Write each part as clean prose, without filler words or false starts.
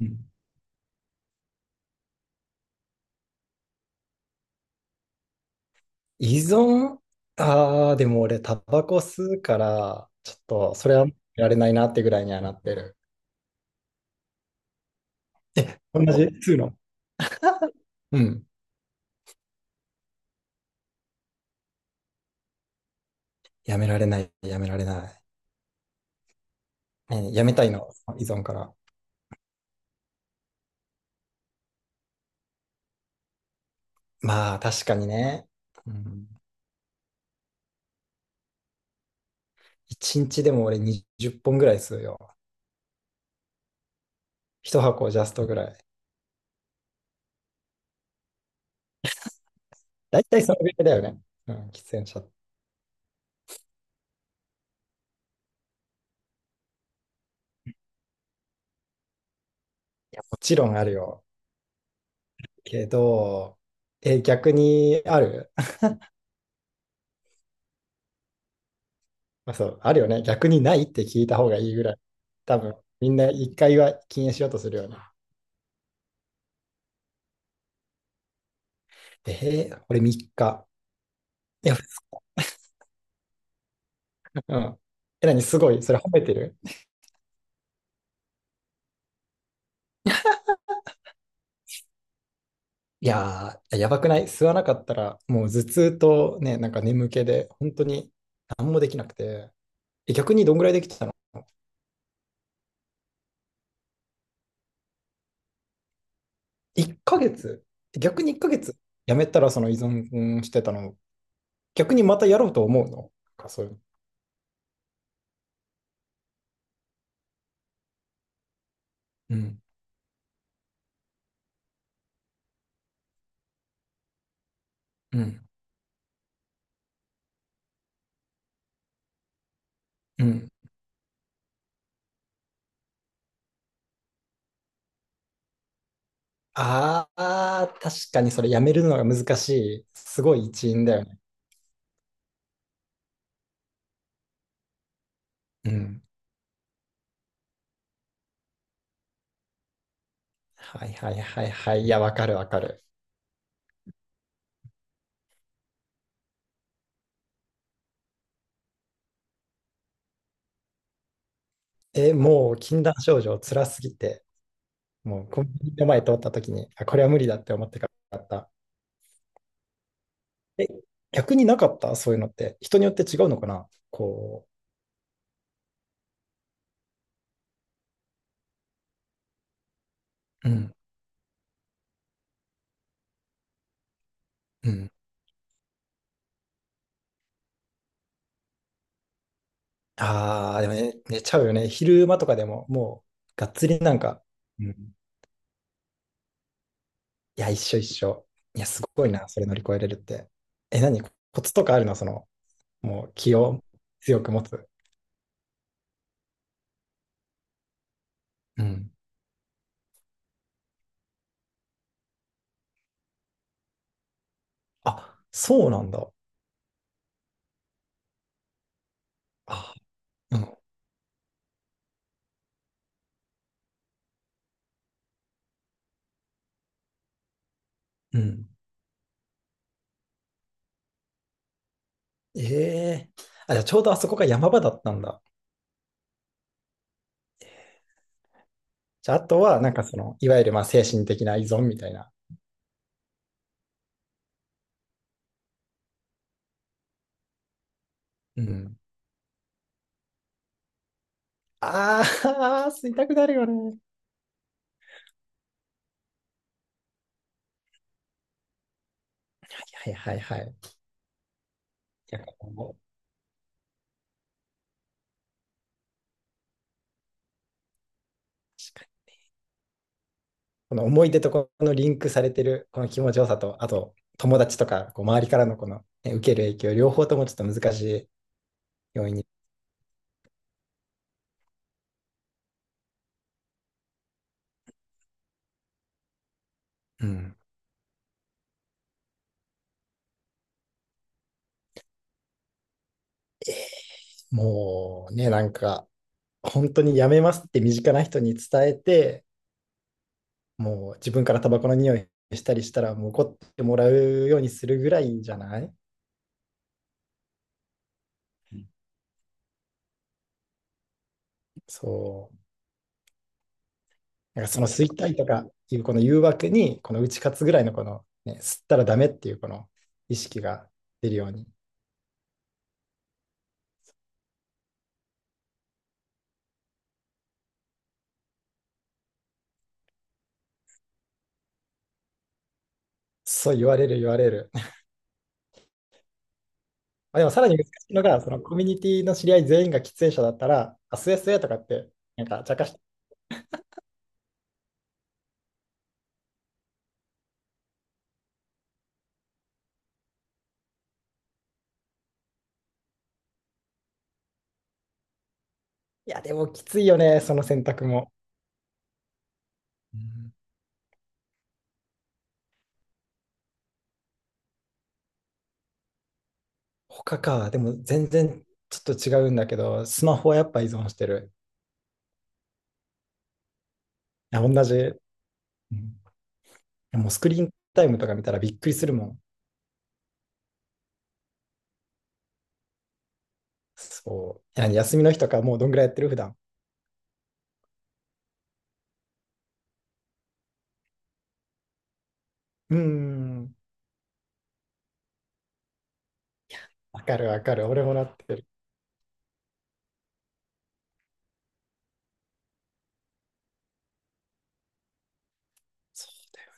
うん。依存。でも俺、タバコ吸うから、ちょっと、それはやめられないなってぐらいにはなってる。え、同じ吸うの？うん。やめられない、やめられない。ね、やめたいの、依存から。まあ、確かにね。うん。一日でも俺20本ぐらい吸うよ。一箱ジャストぐらい。だいたいそのぐらいだよね。うん、喫煙者。いや、もちろんあるよ。けど、え、逆にある？まあ、そう、あるよね。逆にないって聞いた方がいいぐらい。多分、みんな一回は禁煙しようとするよね。俺3日。いや、うん。え、何すごい。それ褒めてる？いやー、やばくない？吸わなかったら、もう頭痛とね、なんか眠気で、本当に何もできなくて。え、逆にどんぐらいできてたの ?1 ヶ月。逆に1ヶ月？やめたらその依存してたの、逆にまたやろうと思うのか、そういうの？うん。うん。うん。ああ、確かにそれやめるのが難しい。すごい一因だよね。うん。はいはいはいはい。いや、わかるわかる。え、もう禁断症状辛すぎて、もうコンビニの前通った時に、あ、これは無理だって思ってかった。え、逆になかった、そういうのって？人によって違うのかな、こう。うん。うん。ああ、でもね、寝ちゃうよね。昼間とかでも、もう、がっつりなんか。うん。いや、一緒一緒。いや、すごいな、それ乗り越えれるって。え、何コツとかあるの、その、もう気を強く持つ？うん。あ、そうなんだ。あ、うん。うん。ええ、あ、じゃあちょうどあそこが山場だったんだ。じゃあ、あとは、なんかその、いわゆるまあ精神的な依存みたいな。うん。ああ、吸いたくなるよね。はいはいはいはい。いや、こう、確かにこの思い出とこのリンクされてるこの気持ちよさと、あと友達とかこう周りからのこの、ね、受ける影響、両方ともちょっと難しい要因に。うん。もうね、なんか本当にやめますって身近な人に伝えて、もう自分からタバコの匂いしたりしたら、もう怒ってもらうようにするぐらいじゃない？うん。そう。なんかその吸いたいとかいうこの誘惑に、この打ち勝つぐらいのこの、ね、吸ったらダメっていうこの意識が出るように。そう、言われる言われる。あ、でもさらに難しいのが、そのコミュニティの知り合い全員が喫煙者だったら、あ、吸え吸えとかって、なんか茶化して、いやでもきついよね、その選択も。うん。他か。でも全然ちょっと違うんだけど、スマホはやっぱ依存してる。いや、同じ。うん。でもスクリーンタイムとか見たらびっくりするもん。そう。何？休みの日とかもうどんぐらいやってる、普段？うーん。わかるわかる。俺もなってる。そうだよ。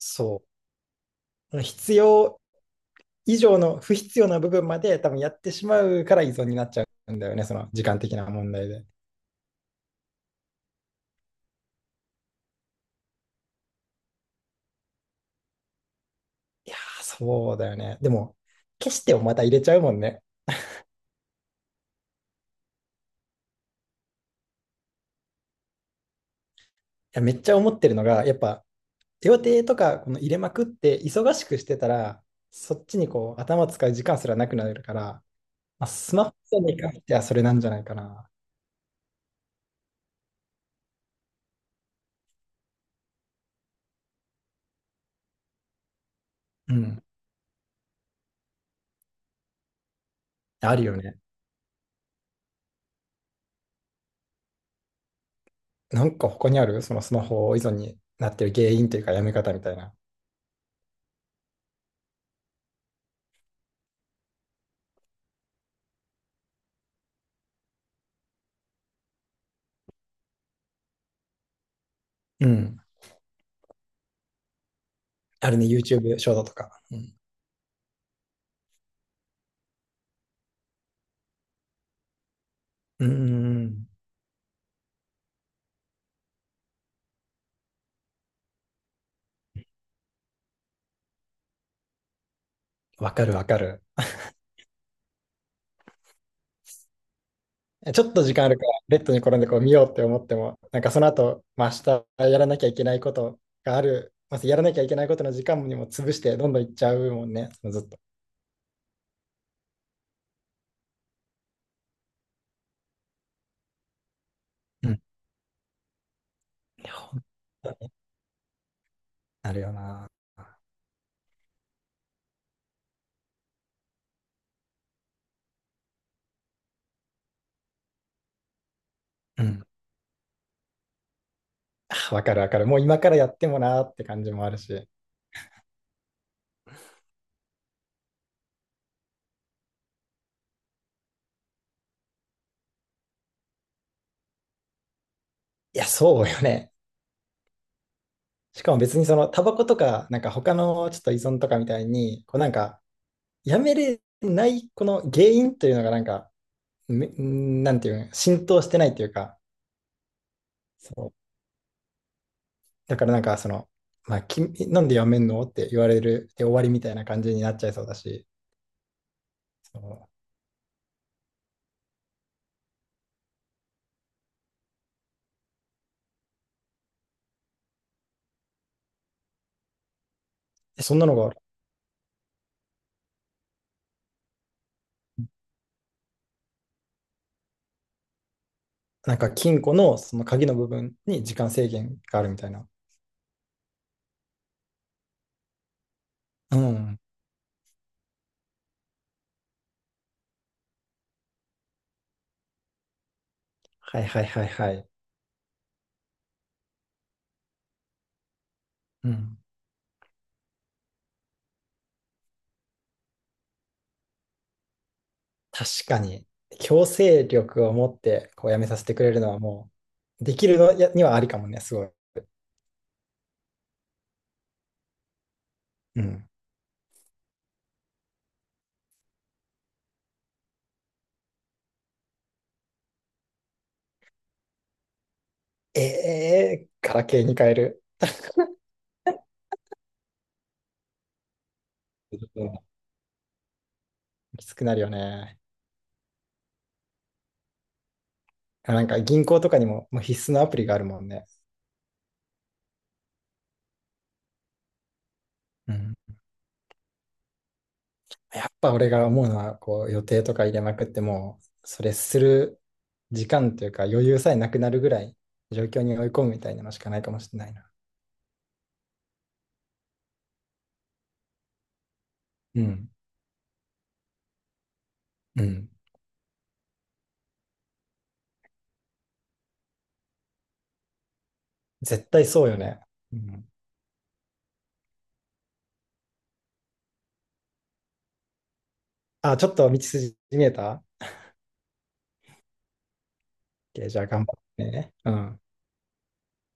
そう。必要以上の不必要な部分まで多分やってしまうから依存になっちゃうんだよね。その時間的な問題で。いやー、そうだよね。でも、消してもまた入れちゃうもんね。いや、めっちゃ思ってるのが、やっぱ手予定とかこの入れまくって忙しくしてたら、そっちにこう頭使う時間すらなくなるから、まあ、スマホに関してはそれなんじゃないかな。うん。あるよね。なんか他にあるそのスマホ依存になってる原因というかやめ方みたいな？うん。あるね、YouTube ショートとか。うん。うんうんうん。わかるわかる。ちょっと時間あるから、ベッドに転んでこう見ようって思っても、なんかその後、まあ、明日やらなきゃいけないことがある、まずやらなきゃいけないことの時間にも潰して、どんどんいっちゃうもんね、そのずっと。うん。ほんとになるよな。うん。あ、わかるわかる。もう今からやってもなーって感じもあるし。いや、そうよね。しかも別にそのタバコとか、なんか他のちょっと依存とかみたいに、こう、なんかやめれないこの原因というのがなんか、なんていうん、浸透してないというか、そう。だからなんかその、まあ、君なんでやめんのって言われるで終わりみたいな感じになっちゃいそうだし、そう。そんなのが、なんか金庫のその鍵の部分に時間制限があるみたいな。うん。はいはいはいはい。うん。確かに、強制力を持ってこうやめさせてくれるのはもう、できるのやにはありかもね、すごい。うん。ええ、ガラケーに変える。うん。きつくなるよね。なんか銀行とかにも、もう必須のアプリがあるもんね。うん。やっぱ俺が思うのは、こう予定とか入れまくっても、それする時間というか余裕さえなくなるぐらい状況に追い込むみたいなのしかないかもしれないな。うん。うん。絶対そうよね。うん、あ、ちょっと道筋見えた ?OK、じゃあ頑張ってね。うん。